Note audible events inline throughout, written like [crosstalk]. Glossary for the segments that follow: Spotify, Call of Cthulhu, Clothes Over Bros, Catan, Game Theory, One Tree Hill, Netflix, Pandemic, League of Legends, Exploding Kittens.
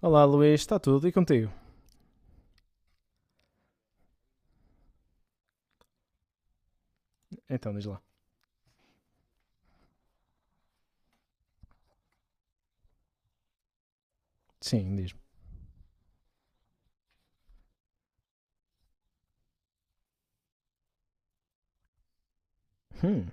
Olá Luís, está tudo e contigo? Então diz lá. Sim, diz-me. Hum,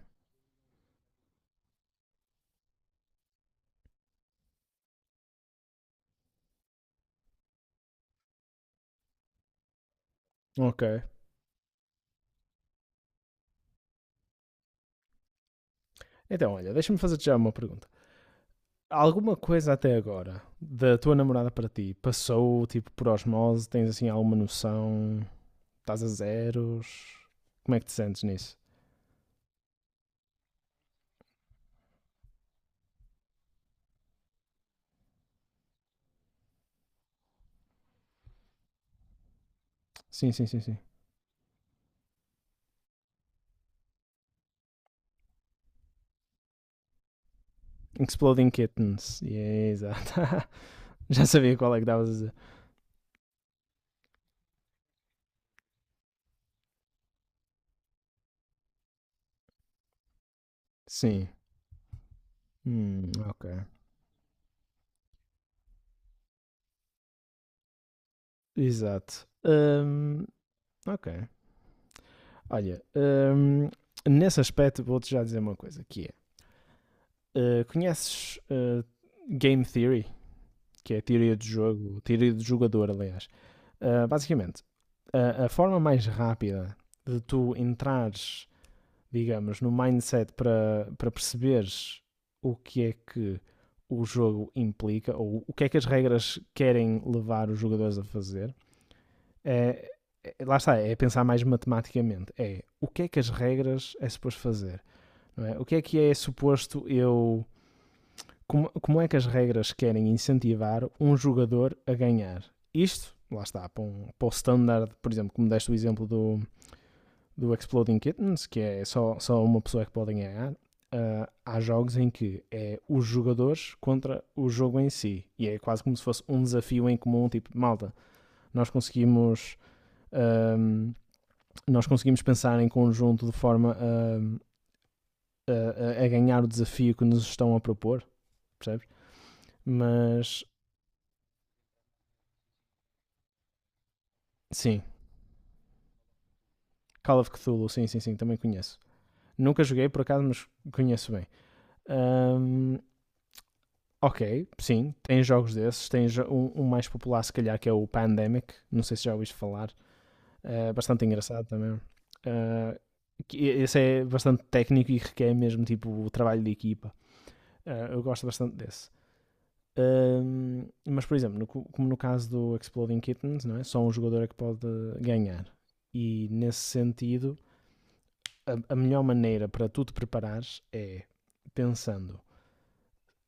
ok. Então olha, deixa-me fazer-te já uma pergunta. Alguma coisa até agora da tua namorada para ti passou tipo por osmose? Tens assim alguma noção? Estás a zeros? Como é que te sentes nisso? Sim, sim, sim, sim. Exploding Kittens. Yeah, exato. [laughs] Já sabia qual é que davas a dizer. Sim. Ok. Exato. Ok. Olha, nesse aspecto vou-te já dizer uma coisa, que é conheces Game Theory, que é a teoria de jogo, teoria de jogador, aliás. Basicamente, a forma mais rápida de tu entrares, digamos, no mindset para, para perceberes o que é que o jogo implica, ou o que é que as regras querem levar os jogadores a fazer, é, lá está, é pensar mais matematicamente. É o que é que as regras é suposto fazer, não é? O que é suposto eu como é que as regras querem incentivar um jogador a ganhar? Isto, lá está, para o standard, por exemplo, como deste o exemplo do Exploding Kittens, que é só uma pessoa é que pode ganhar, ah, há jogos em que é os jogadores contra o jogo em si. E é quase como se fosse um desafio em comum, tipo, malta, nós conseguimos, ahm, nós conseguimos pensar em conjunto de forma a ganhar o desafio que nos estão a propor, percebes? Mas, sim, Call of Cthulhu, sim, sim, sim, também conheço. Nunca joguei por acaso, mas conheço bem. Ahm, ok, sim, tem jogos desses. Tem um mais popular, se calhar, que é o Pandemic. Não sei se já ouviste falar. É bastante engraçado também. Ah, que esse é bastante técnico e requer mesmo tipo o trabalho de equipa. Ah, eu gosto bastante desse. Mas, por exemplo, como no caso do Exploding Kittens, não é? Só um jogador é que pode ganhar. E nesse sentido, a melhor maneira para tu te preparares é pensando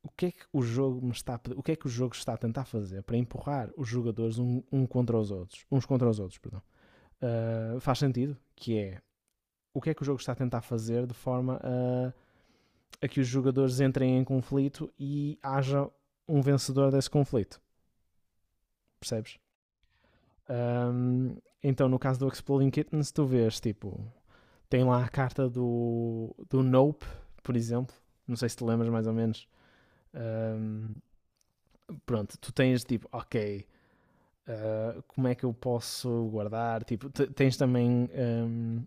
o que é que o jogo me está a o que é que o jogo está a tentar fazer para empurrar os jogadores um contra os outros, uns contra os outros, perdão. Ah, faz sentido que é o que é que o jogo está a tentar fazer de forma a que os jogadores entrem em conflito e haja um vencedor desse conflito, percebes? Ahm, então, no caso do Exploding Kittens, tu vês, tipo, tem lá a carta do Nope, por exemplo, não sei se te lembras mais ou menos. Um, pronto, tu tens tipo, ok, como é que eu posso guardar? Tipo, tens também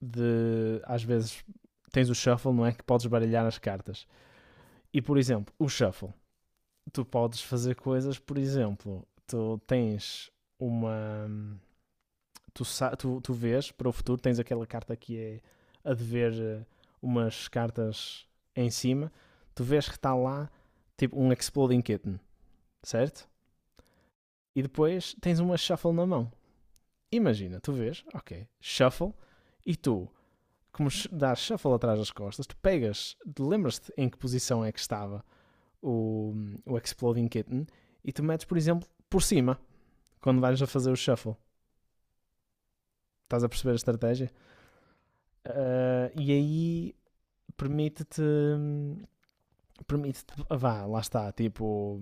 de às vezes tens o shuffle, não é? Que podes baralhar as cartas. E por exemplo, o shuffle, tu podes fazer coisas, por exemplo, tu tens uma. Tu, tu vês para o futuro, tens aquela carta que é a de ver umas cartas em cima, tu vês que está lá tipo um Exploding Kitten, certo? E depois tens uma shuffle na mão. Imagina, tu vês, ok, shuffle, e tu, como dás shuffle atrás das costas, tu pegas, tu lembras-te em que posição é que estava o, o Exploding Kitten, e tu metes, por exemplo, por cima, quando vais a fazer o shuffle. Estás a perceber a estratégia? Ah, e aí permite-te, permite-te, vá, lá está, tipo,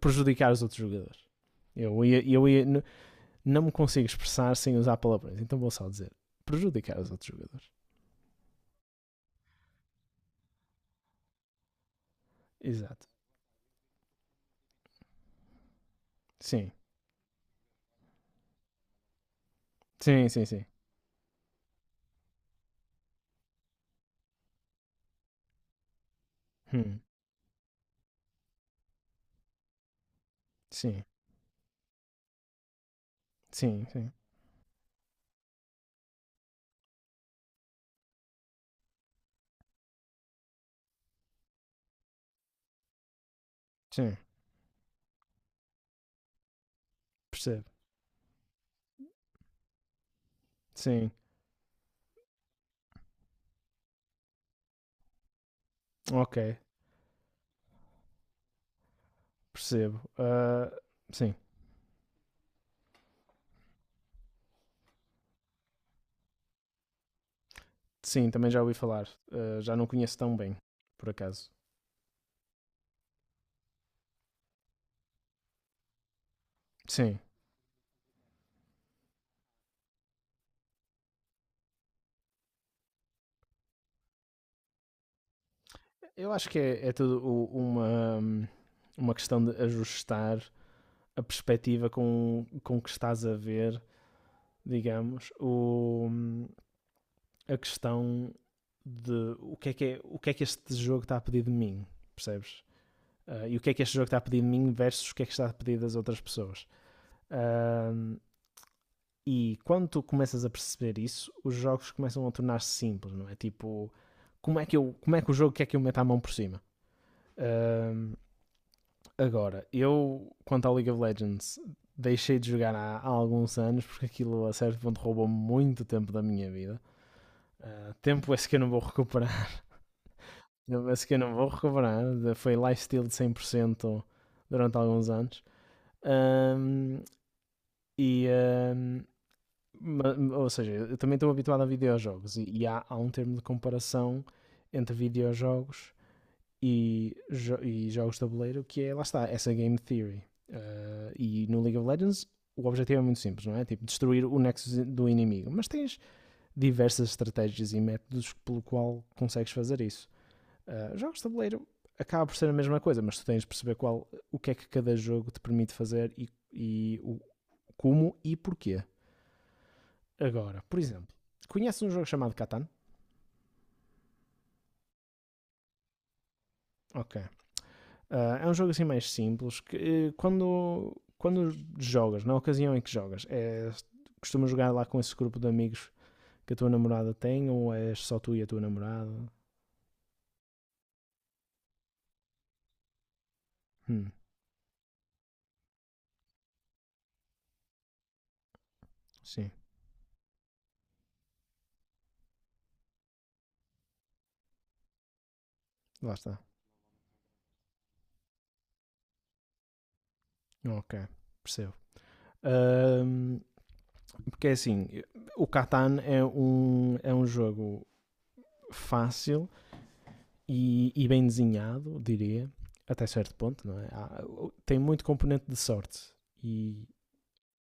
prejudicar os outros jogadores. Eu ia, eu ia, não me consigo expressar sem usar palavrões, então vou só dizer prejudicar os outros jogadores. Exato. Sim. Sim, sim, sim. Hum. Sim. Sim, sim. Sim. Percebo. Sim. Ok. Percebo. Ah, sim. Sim, também já ouvi falar. Ah, já não conheço tão bem, por acaso. Sim. Eu acho que é tudo uma questão de ajustar a perspectiva com que estás a ver, digamos, a questão de o que, é, o que, é que este jogo está a pedir de mim, percebes? E o que é que este jogo está a pedir de mim versus o que é que está a pedir das outras pessoas. Uh, e quando tu começas a perceber isso, os jogos começam a tornar-se simples, não é? Tipo, como é que, eu, como é que o jogo quer que eu meta a mão por cima? Uh, agora, quanto ao League of Legends, deixei de jogar há alguns anos porque aquilo a certo ponto roubou muito tempo da minha vida. Tempo é esse que eu não vou recuperar. Eu penso que eu não vou recuperar. Foi lifestyle de 100% durante alguns anos. Ahm, e, ahm, ou seja, eu também estou habituado a videojogos e, e há um termo de comparação entre videojogos e, e jogos de tabuleiro que é, lá está, essa game theory. Ah, e no League of Legends o objetivo é muito simples, não é? Tipo, destruir o nexo do inimigo. Mas tens diversas estratégias e métodos pelo qual consegues fazer isso. Jogos de tabuleiro acaba por ser a mesma coisa, mas tu tens de perceber qual, o que é que cada jogo te permite fazer e como e porquê. Agora, por exemplo, conheces um jogo chamado Catan? Ok. Uh, é um jogo assim mais simples que quando, quando jogas, na ocasião em que jogas, é, costumas jogar lá com esse grupo de amigos que a tua namorada tem ou és só tu e a tua namorada? Hum, sim, lá está. Ok, percebo. Uh, Porque é assim, o Catan é um, jogo fácil e bem desenhado, diria, até certo ponto, não é? Tem muito componente de sorte e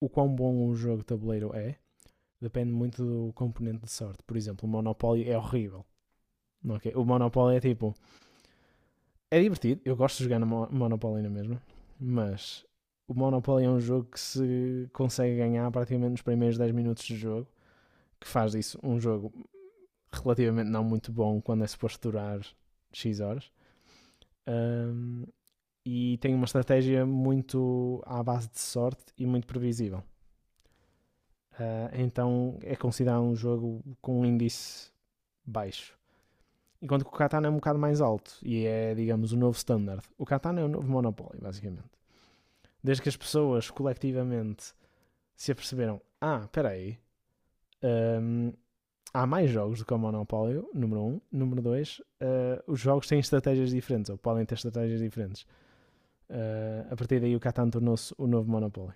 o quão bom um jogo de tabuleiro é depende muito do componente de sorte. Por exemplo, o Monopoly é horrível. Ok? O Monopoly é tipo. É divertido, eu gosto de jogar no Monopoly na mesma, mas o Monopoly é um jogo que se consegue ganhar praticamente nos primeiros 10 minutos de jogo, que faz disso um jogo relativamente não muito bom quando é suposto durar X horas. Um, e tem uma estratégia muito à base de sorte e muito previsível. Então é considerado um jogo com um índice baixo. Enquanto que o Catana é um bocado mais alto e é, digamos, o novo standard. O Catana é o novo Monopoly, basicamente. Desde que as pessoas coletivamente se aperceberam: ah, espera aí, um, há mais jogos do que o Monopólio, número um. Número dois, os jogos têm estratégias diferentes, ou podem ter estratégias diferentes. A partir daí o Catan tornou-se o novo Monopólio.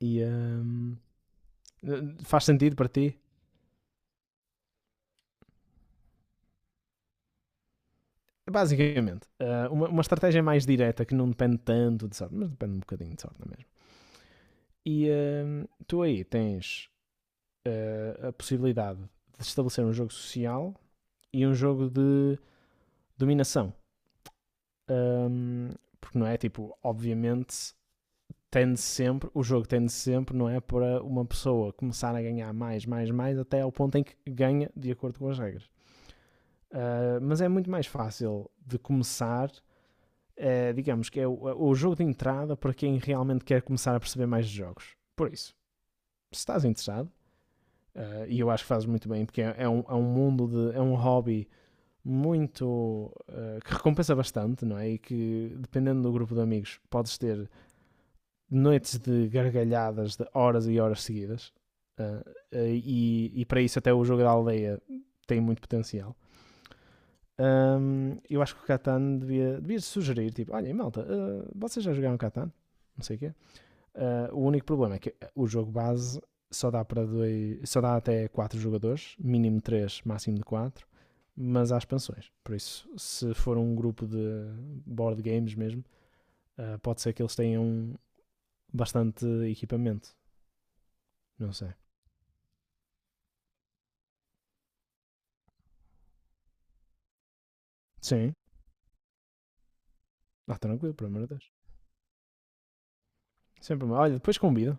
E ehm, faz sentido para ti? Basicamente, uma estratégia mais direta que não depende tanto de sorte, mas depende um bocadinho de sorte, não é mesmo? Tu aí tens a possibilidade de estabelecer um jogo social e um jogo de dominação. Ehm, porque não é tipo, obviamente, tende sempre, o jogo tende sempre, não é? Para uma pessoa começar a ganhar mais, mais, mais, até ao ponto em que ganha de acordo com as regras. Mas é muito mais fácil de começar, digamos que é o, jogo de entrada para quem realmente quer começar a perceber mais de jogos. Por isso, se estás interessado, E eu acho que fazes muito bem, porque é um mundo de. É um hobby muito que recompensa bastante, não é? E que dependendo do grupo de amigos podes ter noites de gargalhadas de horas e horas seguidas. Ah, e para isso até o jogo da aldeia tem muito potencial. Eu acho que o Catan devia, devia sugerir, tipo, olha malta, ah, vocês já jogaram Catan? Não sei o quê. Ah, o único problema é que o jogo base só dá para dois, só dá até 4 jogadores, mínimo 3 máximo de quatro, mas há expansões. Por isso, se for um grupo de board games mesmo, ah, pode ser que eles tenham bastante equipamento. Não sei. Sim. Ah, tranquilo, pelo amor de Deus. Sempre. Olha, depois convido.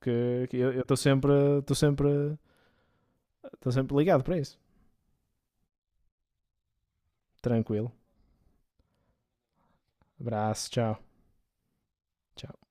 Que eu estou sempre. Estou sempre. Estou sempre ligado para isso. Tranquilo. Abraço, tchau. Tchau.